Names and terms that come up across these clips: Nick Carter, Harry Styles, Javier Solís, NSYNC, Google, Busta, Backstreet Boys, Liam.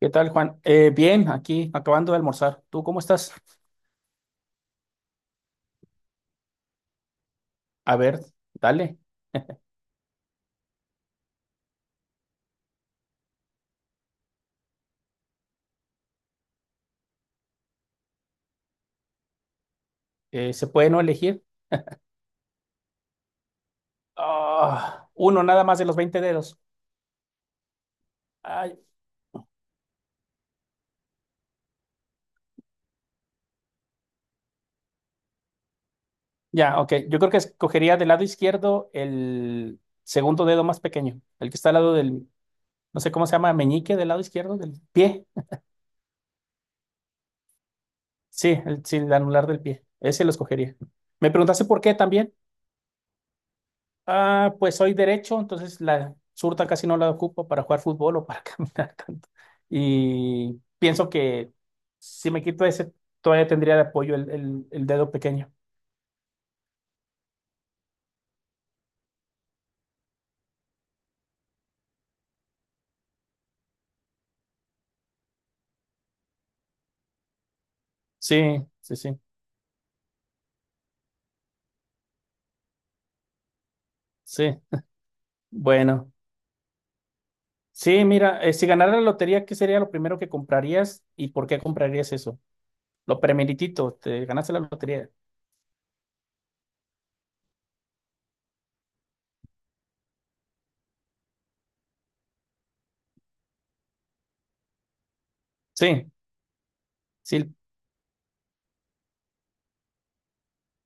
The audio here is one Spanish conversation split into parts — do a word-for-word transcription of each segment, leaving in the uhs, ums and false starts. ¿Qué tal, Juan? Eh, bien, aquí acabando de almorzar. ¿Tú cómo estás? A ver, dale. Eh, ¿se puede no elegir? Ah, uno nada más de los veinte dedos. Ay, ya, ok. Yo creo que escogería del lado izquierdo el segundo dedo más pequeño, el que está al lado del, no sé cómo se llama, meñique del lado izquierdo del pie. Sí, el, sí, el anular del pie. Ese lo escogería. ¿Me preguntaste por qué también? Ah, pues soy derecho, entonces la surta casi no la ocupo para jugar fútbol o para caminar tanto. Y pienso que si me quito ese, todavía tendría de apoyo el, el- el dedo pequeño. Sí, sí, sí, sí. Bueno, sí, mira, eh, si ganara la lotería, ¿qué sería lo primero que comprarías y por qué comprarías eso? Lo primeritito, te ganaste la lotería. Sí, sí,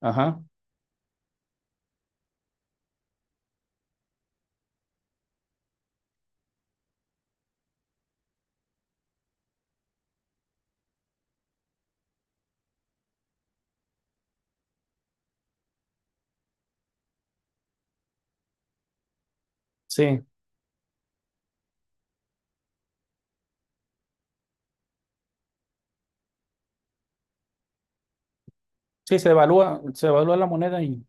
ajá, sí. Sí, se devalúa, se devalúa la moneda y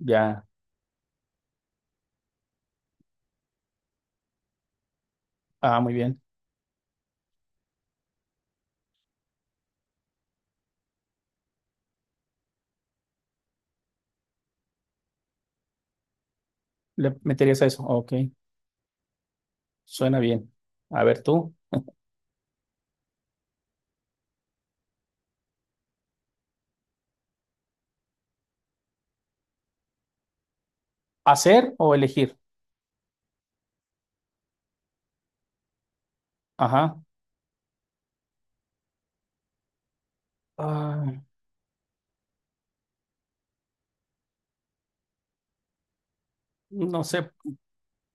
ya. Ah, muy bien. Le meterías a eso, ok. Suena bien. A ver tú, ¿hacer o elegir? Ajá. Ah, no sé,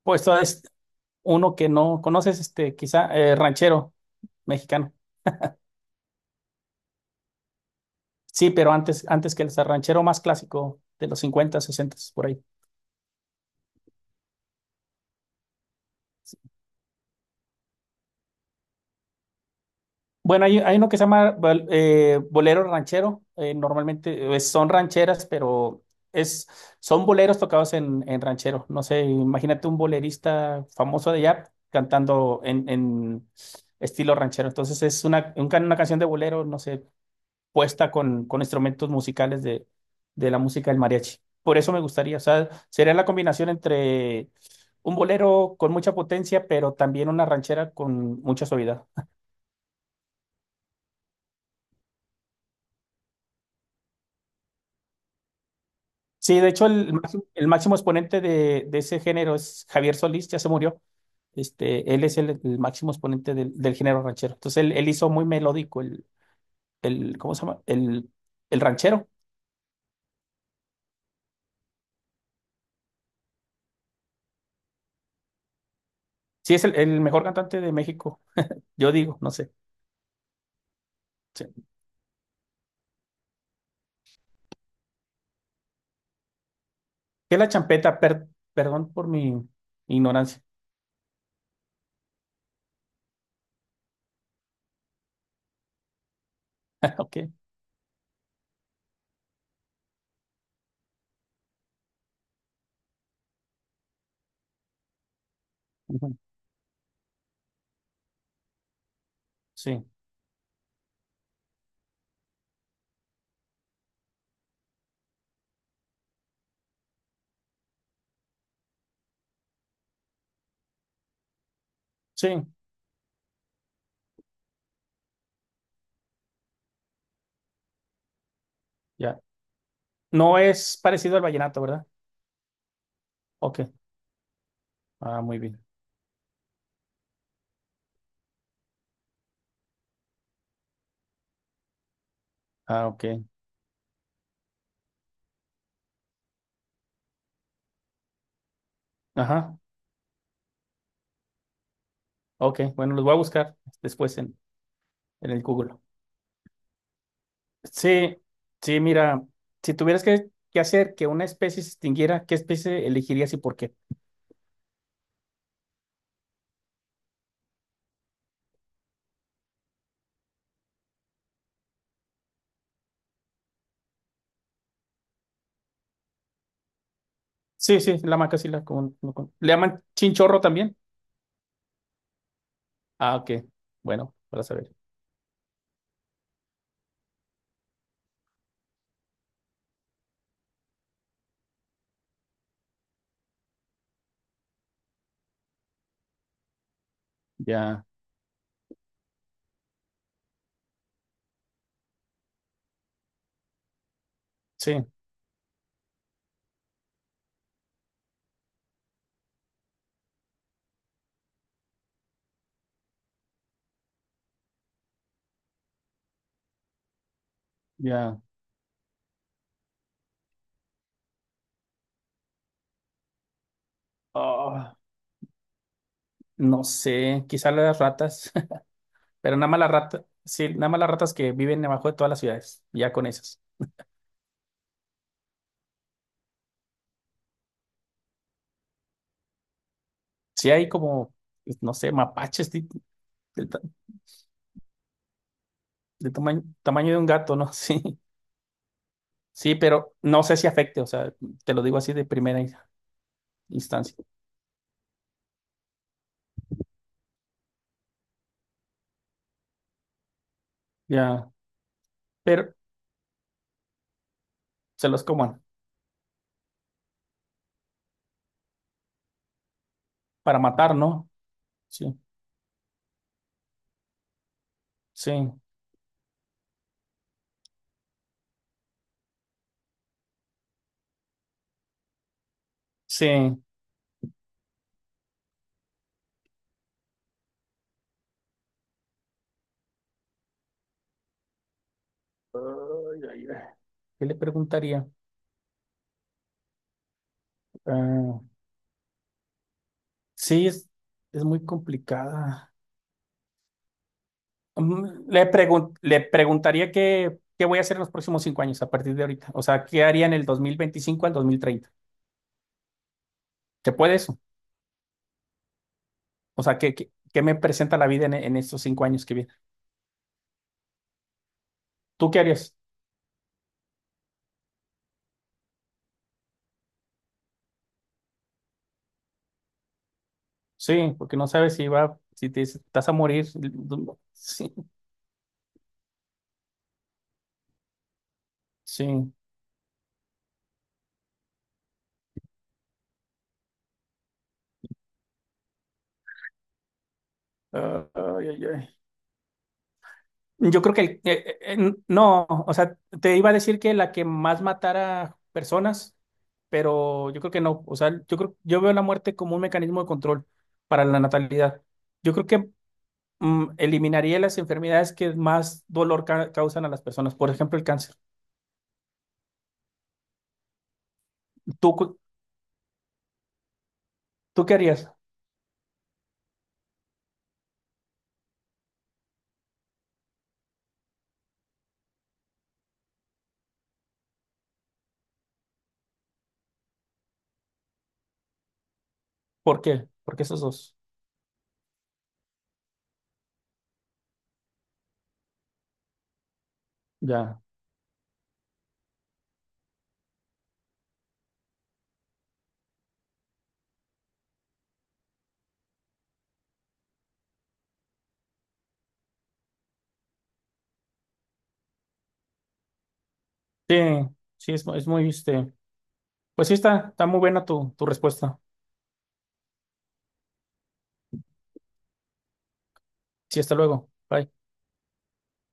pues todo es uno que no conoces, este, quizá eh, ranchero mexicano. Sí, pero antes, antes que el ranchero más clásico de los cincuenta, sesenta, por ahí. Bueno, hay, hay uno que se llama bol- eh, bolero ranchero. eh, normalmente eh, son rancheras, pero es, son boleros tocados en, en ranchero. No sé, imagínate un bolerista famoso de allá cantando en, en estilo ranchero. Entonces es una, un can- una canción de bolero, no sé, puesta con, con instrumentos musicales de, de la música del mariachi. Por eso me gustaría, o sea, sería la combinación entre un bolero con mucha potencia, pero también una ranchera con mucha suavidad. Sí, de hecho, el, máximo, el máximo exponente de, de ese género es Javier Solís, ya se murió. Este, él es el, el máximo exponente del, del género ranchero. Entonces, él, él hizo muy melódico el, el, ¿cómo se llama? El, el ranchero. Sí, es el, el mejor cantante de México, yo digo, no sé. Sí. ¿Qué es la champeta? Per- perdón por mi ignorancia. Ok. Ujú. Sí, sí, ya. No es parecido al vallenato, ¿verdad? Ok. Ah, muy bien. Ah, ok. Ajá. Ok. Bueno, los voy a buscar después en, en el Google. Sí, sí, mira, si tuvieras que, que hacer que una especie se extinguiera, ¿qué especie elegirías y por qué? Sí, sí, la maca sí la con, no. ¿Le llaman chinchorro también? Ah, ok. Bueno, para saber. Ya, sí, ya. Ah, no sé, quizá las ratas, pero nada más las ratas, sí, nada más las ratas que viven debajo de todas las ciudades, ya con esas. Sí hay como, pues, no sé, mapaches de- del, ta- del tamaño, tamaño de un gato, ¿no? Sí, sí, pero no sé si afecte, o sea, te lo digo así de primera instancia. Ya. Pero se los coman para matar, ¿no? Sí, sí, sí. Ay, ay, ay. ¿Qué le preguntaría? Ah, sí, es, es muy complicada. Mm, Le pregun- le preguntaría qué, qué voy a hacer en los próximos cinco años a partir de ahorita. O sea, ¿qué haría en el dos mil veinticinco al dos mil treinta? ¿Qué puede eso? O sea, ¿qué, qué, qué me presenta la vida en, en estos cinco años que vienen? ¿Tú qué harías? Sí, porque no sabes si va, si te, estás a morir. Sí, sí. Ay, ay, ay. Yo creo que el- eh, eh, eh, no, o sea, te iba a decir que la que más matara personas, pero yo creo que no, o sea, yo creo, yo veo la muerte como un mecanismo de control para la natalidad. Yo creo que mm, eliminaría las enfermedades que más dolor ca- causan a las personas, por ejemplo, el cáncer. ¿Tú, cu- tú qué harías? ¿Por qué? Porque esos dos. Ya. Sí, sí, es, mu- es muy, este, pues sí está, está muy buena tu, tu respuesta. Sí, hasta luego. Bye.